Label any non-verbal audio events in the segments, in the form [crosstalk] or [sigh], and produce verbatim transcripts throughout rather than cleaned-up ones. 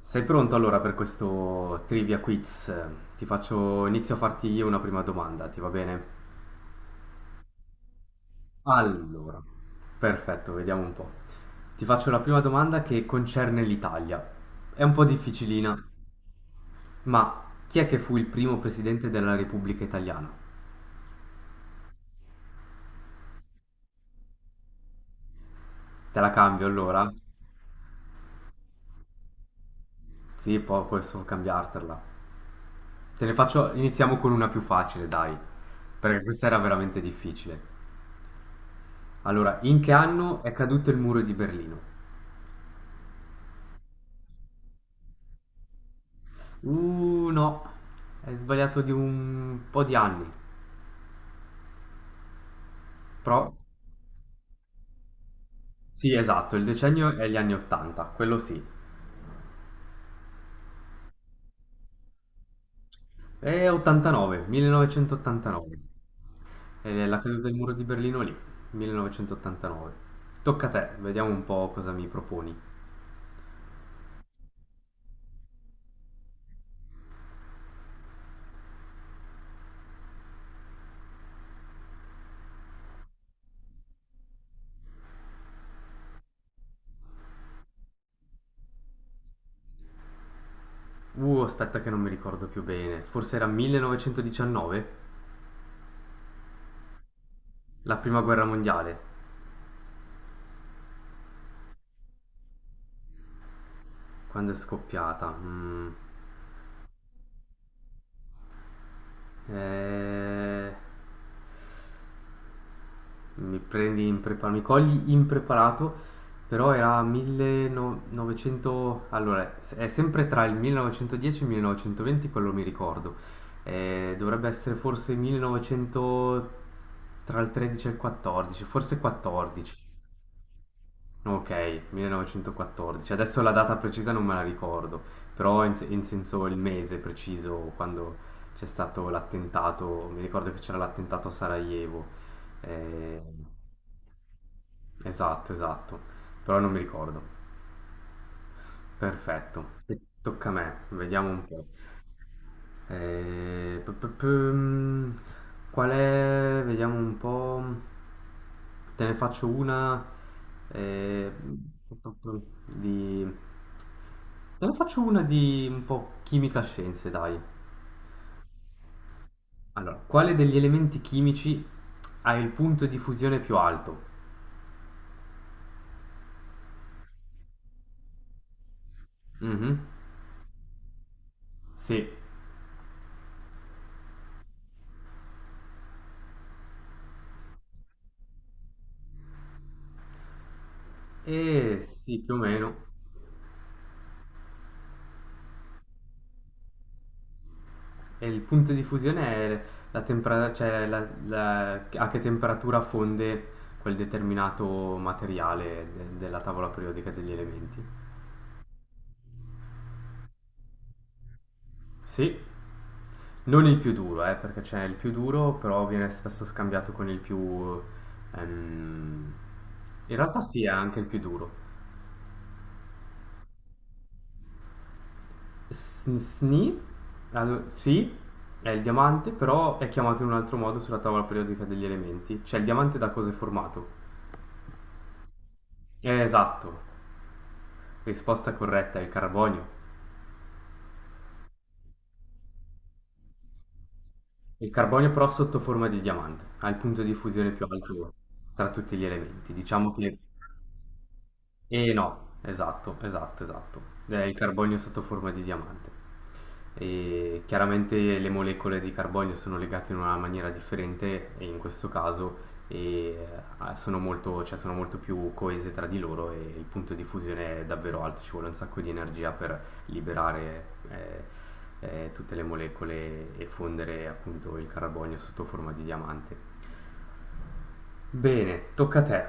Sei pronto allora per questo trivia quiz? Ti faccio, inizio a farti io una prima domanda, ti va bene? Allora, perfetto, vediamo un po'. Ti faccio la prima domanda che concerne l'Italia. È un po' difficilina, ma chi è che fu il primo presidente della Repubblica Italiana? Te la cambio allora? Sì, poi posso cambiartela. Te ne faccio, iniziamo con una più facile, dai, perché questa era veramente difficile. Allora, in che anno è caduto il muro di Berlino? Uh, no, è sbagliato di un po' di anni. Però, sì, esatto, il decennio è gli anni ottanta, quello sì. È ottantanove, millenovecentottantanove. È la caduta del muro di Berlino lì, millenovecentottantanove. Tocca a te, vediamo un po' cosa mi proponi. Uh, aspetta che non mi ricordo più bene. Forse era millenovecentodiciannove, la prima guerra mondiale, quando è scoppiata. Mm. Eh... Mi prendi impreparato, mi cogli impreparato, però era millenovecento, allora è sempre tra il millenovecentodieci e il millenovecentoventi, quello mi ricordo. Eh, dovrebbe essere forse millenovecento tra il tredici e il quattordici, forse quattordici. Ok, millenovecentoquattordici. Adesso la data precisa non me la ricordo, però in, se- in senso il mese preciso quando c'è stato l'attentato, mi ricordo che c'era l'attentato a Sarajevo. Eh, Esatto, esatto, però non mi ricordo. Perfetto. Tocca a me, vediamo un po'. Eh, pu- pu- pu- Qual è? Vediamo un po'. Te ne faccio una eh, pu- pu- pu- di... Te ne faccio una di un po' chimica scienze, dai. Allora, quale degli elementi chimici ha il punto di fusione più alto? Mhm. Sì. Eh sì, più o meno. E il punto di fusione è la temperatura, cioè la- la- a che temperatura fonde quel determinato materiale de- della tavola periodica degli elementi. Sì, non il più duro, eh, perché c'è il più duro, però viene spesso scambiato con il più... ehm, in realtà sì, è anche il più duro. S- Sni, allo- sì, è il diamante, però è chiamato in un altro modo sulla tavola periodica degli elementi. Cioè il diamante da cosa è formato? Eh, esatto, risposta corretta è il carbonio. Il carbonio però sotto forma di diamante, ha il punto di fusione più alto tra tutti gli elementi. Diciamo che e no, esatto, esatto, esatto. È il carbonio sotto forma di diamante. E chiaramente le molecole di carbonio sono legate in una maniera differente e in questo caso e, eh, sono molto, cioè, sono molto più coese tra di loro e il punto di fusione è davvero alto, ci vuole un sacco di energia per liberare eh, eh, tutte le molecole e fondere appunto il carbonio sotto forma di diamante. Bene, tocca a te.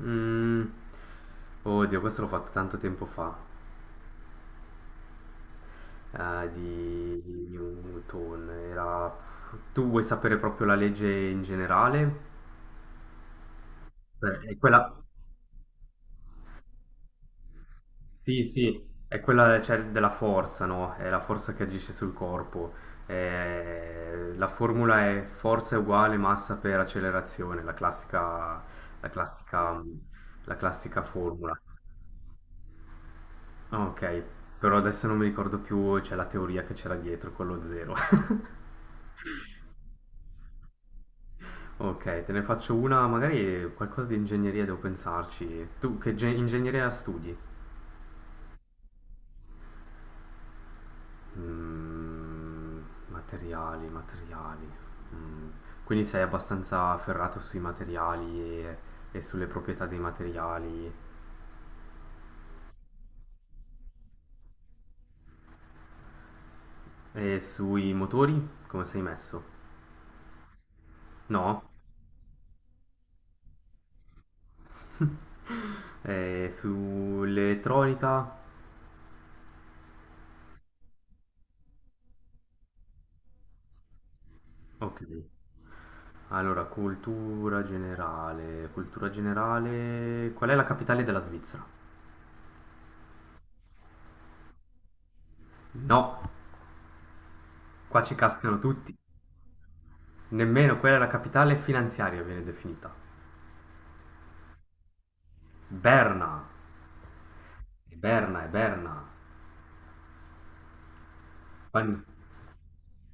Mm, oddio, questo l'ho fatto tanto tempo fa, eh, di Newton. Era... Tu vuoi sapere proprio la legge in generale? Beh, è quella... Sì, sì, è quella, cioè, della forza, no? È la forza che agisce sul corpo. Eh, La formula è forza è uguale massa per accelerazione, la classica, la classica, la classica formula. Ah, ok, però adesso non mi ricordo più, c'è la teoria che c'era dietro con lo zero. [laughs] Ok, te ne faccio una, magari qualcosa di ingegneria devo pensarci. Tu che ge- ingegneria studi? Mm, materiali, materiali, Mm, quindi sei abbastanza afferrato sui materiali e, e sulle proprietà dei materiali e sui motori? Come sei messo? No? [laughs] E sull'elettronica? Ok. Allora, cultura generale. Cultura generale. Qual è la capitale della Svizzera? No. Qua ci cascano tutti. Nemmeno quella è la capitale finanziaria viene definita. Berna. È Berna, è Berna. Quan-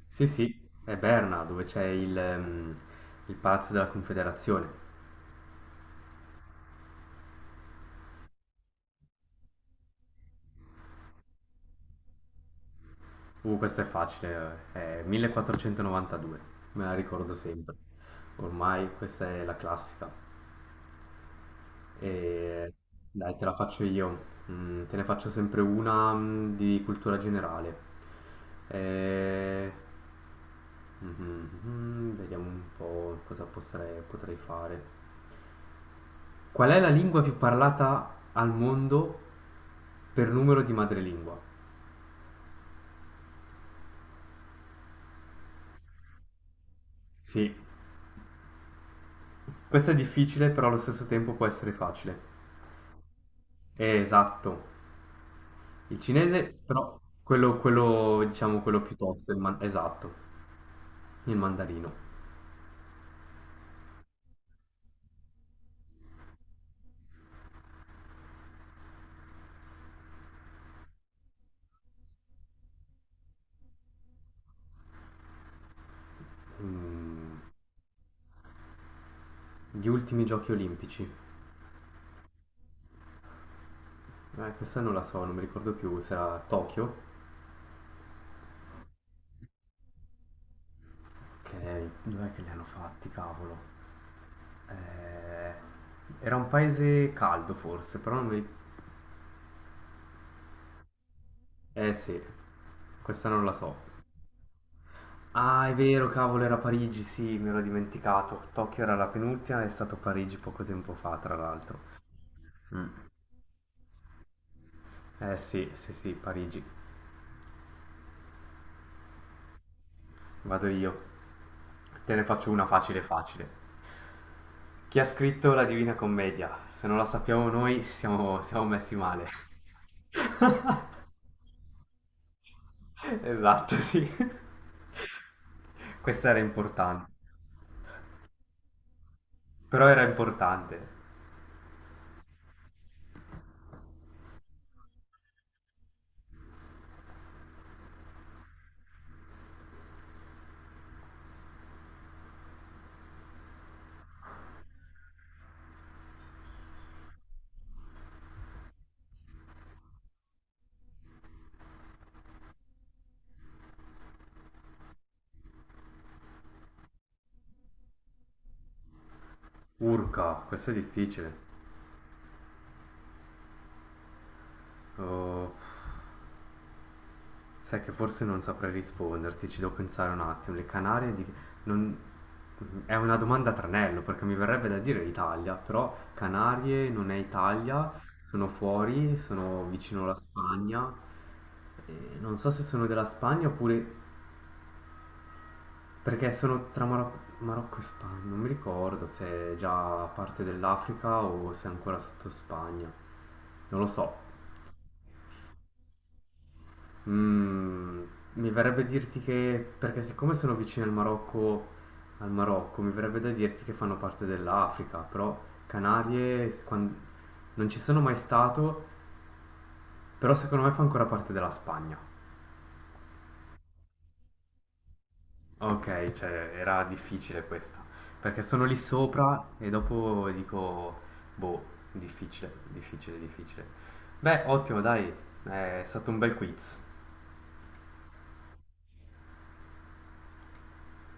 sì, sì, è Berna, dove c'è il, ehm, il Palazzo della Confederazione. Uh, questo è facile, eh. È millequattrocentonovantadue, me la ricordo sempre. Ormai questa è la classica. E dai, te la faccio io. Mm, te ne faccio sempre una, mm, di cultura generale. Eh, Mhm, mhm, Vediamo un po' cosa potrei, potrei fare. Qual è la lingua più parlata al mondo per numero di madrelingua? Sì, questo è difficile, però allo stesso tempo può essere facile. Eh, esatto. Il cinese, però, quello, quello, diciamo, quello più tosto, il man- esatto, il mandarino. Mm, gli ultimi giochi olimpici. Eh, questa non la so, non mi ricordo più, se era a Tokyo. Ok, dov'è che li hanno fatti, cavolo? Eh, era un paese caldo forse, però non mi... Eh sì, questa non la so. Ah, è vero, cavolo, era Parigi, sì, me l'ho dimenticato. Tokyo era la penultima, è stato Parigi poco tempo fa, tra l'altro. Mm. Eh sì, sì, sì, Parigi. Vado io. Te ne faccio una facile, facile. Chi ha scritto la Divina Commedia? Se non la sappiamo noi, siamo, siamo messi male. [laughs] Esatto, sì. [laughs] Questa era importante. Però era importante. Urca, questo è difficile. Oh, sai che forse non saprei risponderti, ci devo pensare un attimo. Le Canarie di... non... È una domanda a tranello, perché mi verrebbe da dire l'Italia, però Canarie non è Italia, sono fuori, sono vicino alla Spagna. E non so se sono della Spagna oppure perché sono tra Maro- Marocco e Spagna, non mi ricordo se è già parte dell'Africa o se è ancora sotto Spagna. Non lo so. Mm, mi verrebbe dirti che, perché siccome sono vicino al Marocco, al Marocco, mi verrebbe da dirti che fanno parte dell'Africa, però Canarie, s- quan- non ci sono mai stato, però secondo me fa ancora parte della Spagna. Ok, cioè era difficile questa, perché sono lì sopra e dopo dico, boh, difficile, difficile, difficile. Beh, ottimo, dai, è stato un bel quiz.